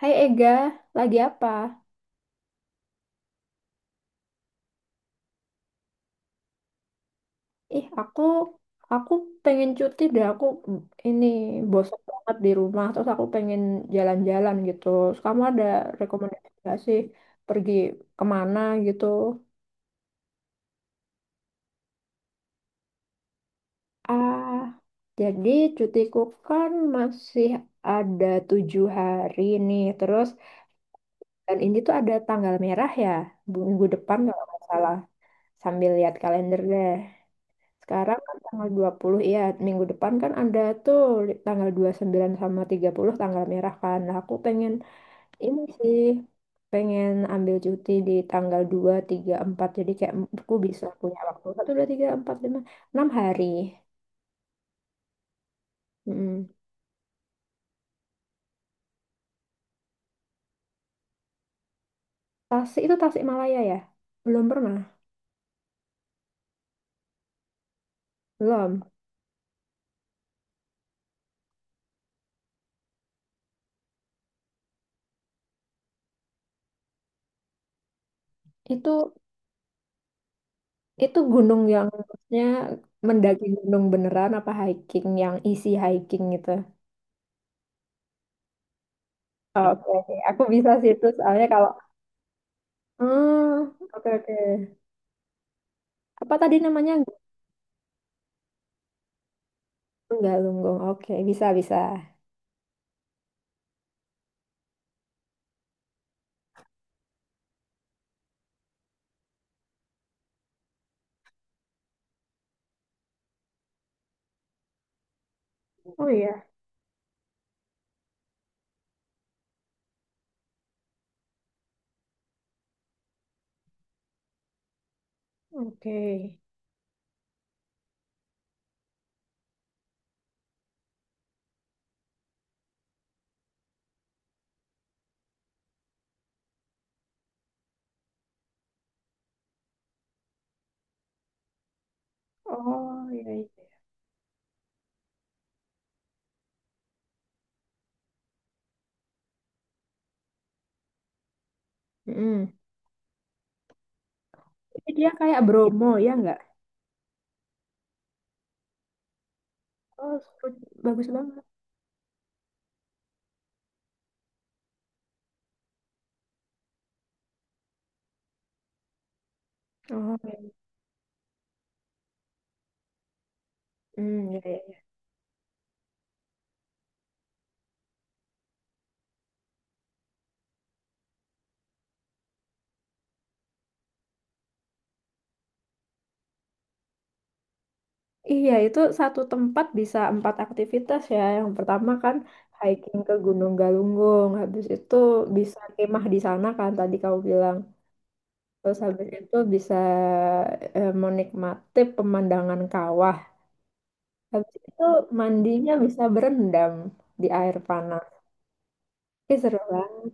Hai Ega, lagi apa? Ih, aku pengen cuti deh. Aku mm, ini bosan banget di rumah. Terus aku pengen jalan-jalan gitu. Terus kamu ada rekomendasi nggak sih pergi kemana gitu? Ah, jadi cutiku kan masih ada 7 hari nih. Terus dan ini tuh ada tanggal merah ya, minggu depan kalau nggak salah. Sambil lihat kalender deh. Sekarang kan tanggal 20 ya, minggu depan kan ada tuh tanggal 29 sama 30 tanggal merah kan. Nah, aku pengen ini sih, pengen ambil cuti di tanggal 2 3 empat. Jadi kayak aku bisa punya waktu satu 2 3 4 5 6 hari. Mm-mm. Tasik itu Tasik Malaya ya? Belum pernah. Belum. Itu itu gunung yang maksudnya mendaki gunung beneran apa hiking yang isi hiking gitu. Oh, oke, oke. Aku bisa sih itu soalnya kalau. Oh, oke oke. Apa tadi namanya? Enggak, Lunggong. Oke, bisa bisa. Oh iya, oke. Oh iya, iya. Mm-mm. Jadi dia kayak Bromo ya nggak? Oh, bagus banget. Oh, iya. Hmm, ya, ya, ya. Iya, itu satu tempat bisa 4 aktivitas ya. Yang pertama kan hiking ke Gunung Galunggung, habis itu bisa kemah di sana kan tadi kamu bilang. Terus habis itu bisa menikmati pemandangan kawah. Habis itu mandinya bisa berendam di air panas. Ih, seru banget.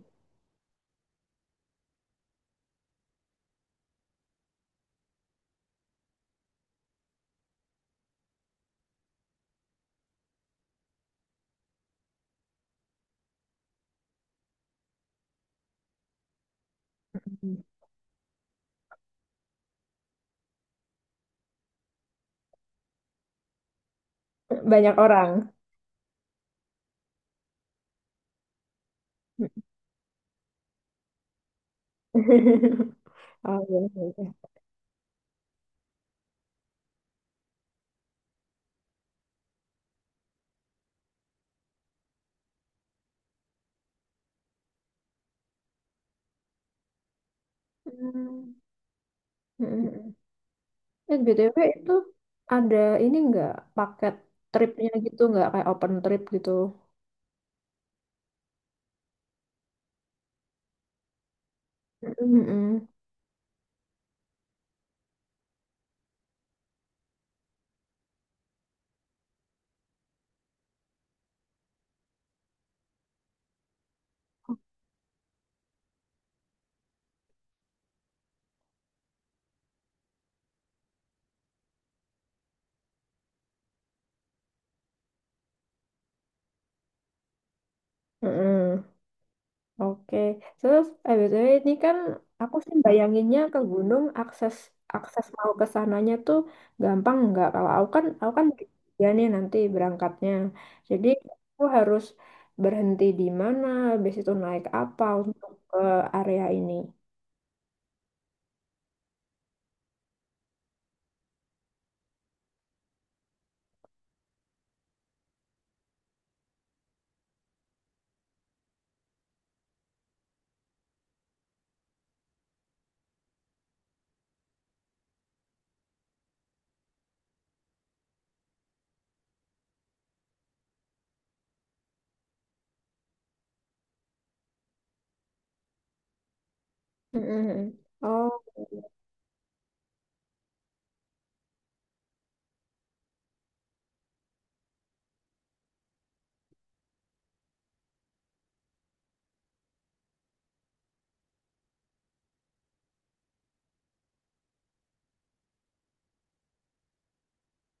Banyak orang. Oh, iya, iya. Hmm. Mm-mm. BTW itu ada ini nggak paket tripnya gitu nggak kayak open trip gitu? Mm-mm. Mm-mm. Oke, terus BTW ini kan aku sih bayanginnya ke gunung akses akses mau ke sananya tuh gampang nggak? Kalau aku kan ya nih nanti berangkatnya, jadi aku harus berhenti di mana, habis itu naik apa untuk ke area ini. Mm-mm. Oh,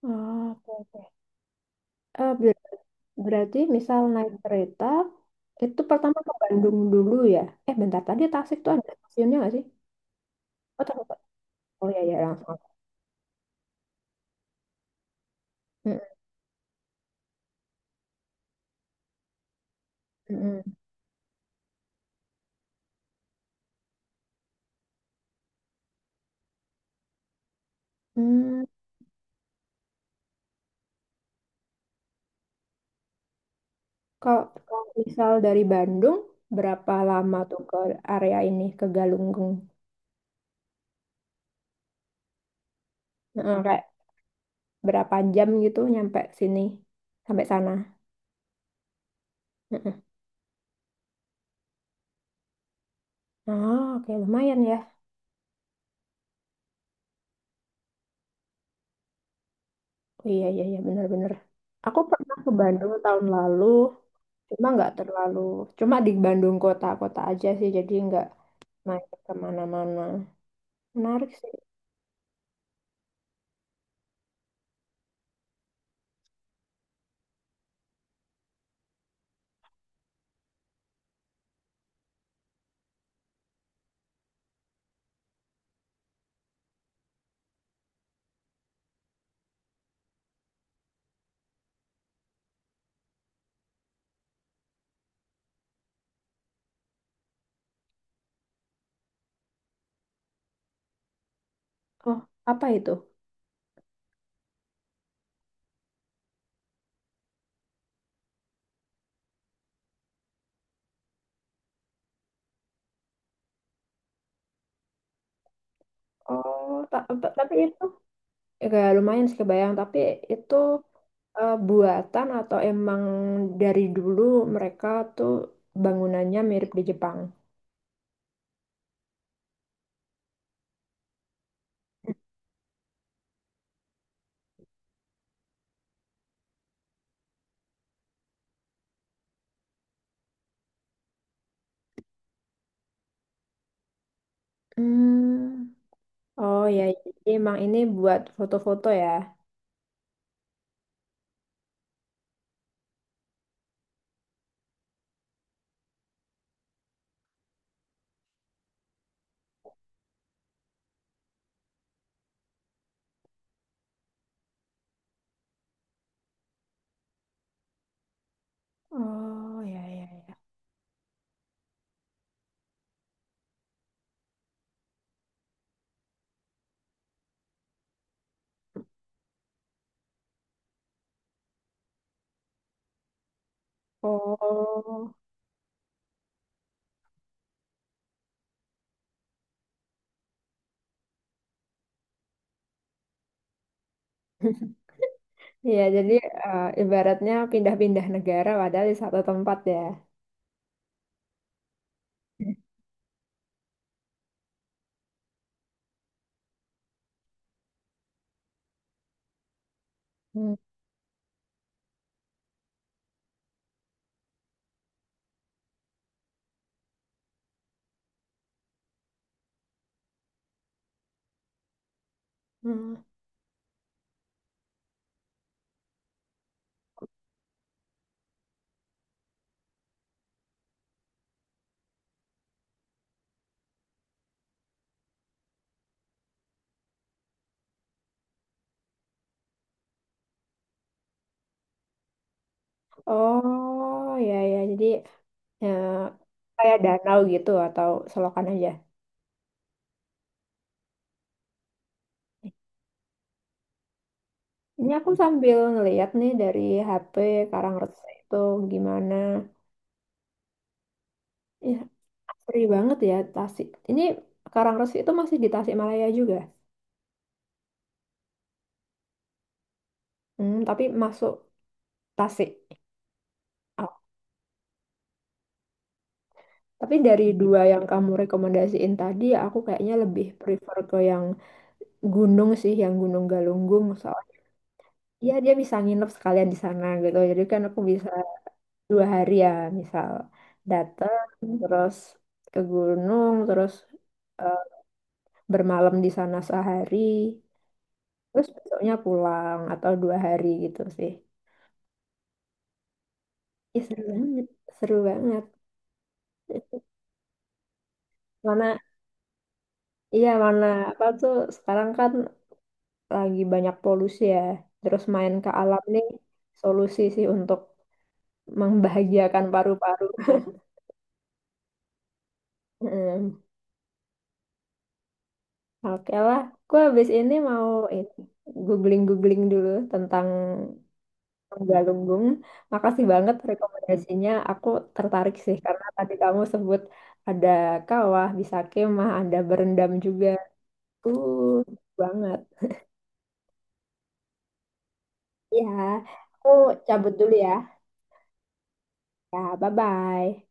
ah, oke oke. Eh, ber- berarti misal naik kereta itu pertama ke Bandung dulu ya? Bentar tadi Tasik tuh ada stasiunnya nggak sih? Oh, oh ya ya langsung. Mm-mm. Hmm, Kalau kalau misal dari Bandung, berapa lama tuh ke area ini, ke Galunggung? Heeh, kayak berapa jam gitu nyampe sini, sampai sana? Heeh. Oh, oke lumayan ya. Oh, iya, iya, iya, bener-bener. Aku pernah ke Bandung tahun lalu, cuma nggak terlalu, cuma di Bandung kota-kota aja sih, jadi nggak main kemana-mana. Menarik sih. Oh, apa itu? Oh, tapi itu. Ya, kayak lumayan sih kebayang, tapi itu buatan atau emang dari dulu mereka tuh bangunannya mirip di Jepang? Hmm. Oh ya, jadi emang ini buat foto-foto ya. Oh ya ya ya. Oh. Ya, jadi ibaratnya pindah-pindah negara padahal di satu tempat ya. Hmm. Hmm. Oh ya ya, jadi ya, kayak danau gitu atau selokan aja. Ini aku sambil ngeliat nih dari HP Karangresi itu gimana. Ya, asri banget ya Tasik. Ini Karangresi itu masih di Tasikmalaya juga. Tapi masuk Tasik. Oh, tapi dari dua yang kamu rekomendasiin tadi, aku kayaknya lebih prefer ke yang gunung sih, yang Gunung Galunggung. Soalnya ya dia bisa nginep sekalian di sana gitu. Jadi kan aku bisa 2 hari ya, misal datang terus ke gunung terus eh, bermalam di sana sehari, terus besoknya pulang atau 2 hari gitu sih. Ih, seru banget, seru banget. Mana, iya mana apa tuh sekarang kan lagi banyak polusi ya. Terus main ke alam nih solusi sih untuk membahagiakan paru-paru. Hmm, Oke lah, gue habis ini mau ini googling-googling dulu tentang Galunggung. Makasih banget rekomendasinya. Aku tertarik sih karena tadi kamu sebut ada kawah, bisa kemah, ada berendam juga. Uh, banget. Ya, aku cabut dulu ya. Ya, bye-bye.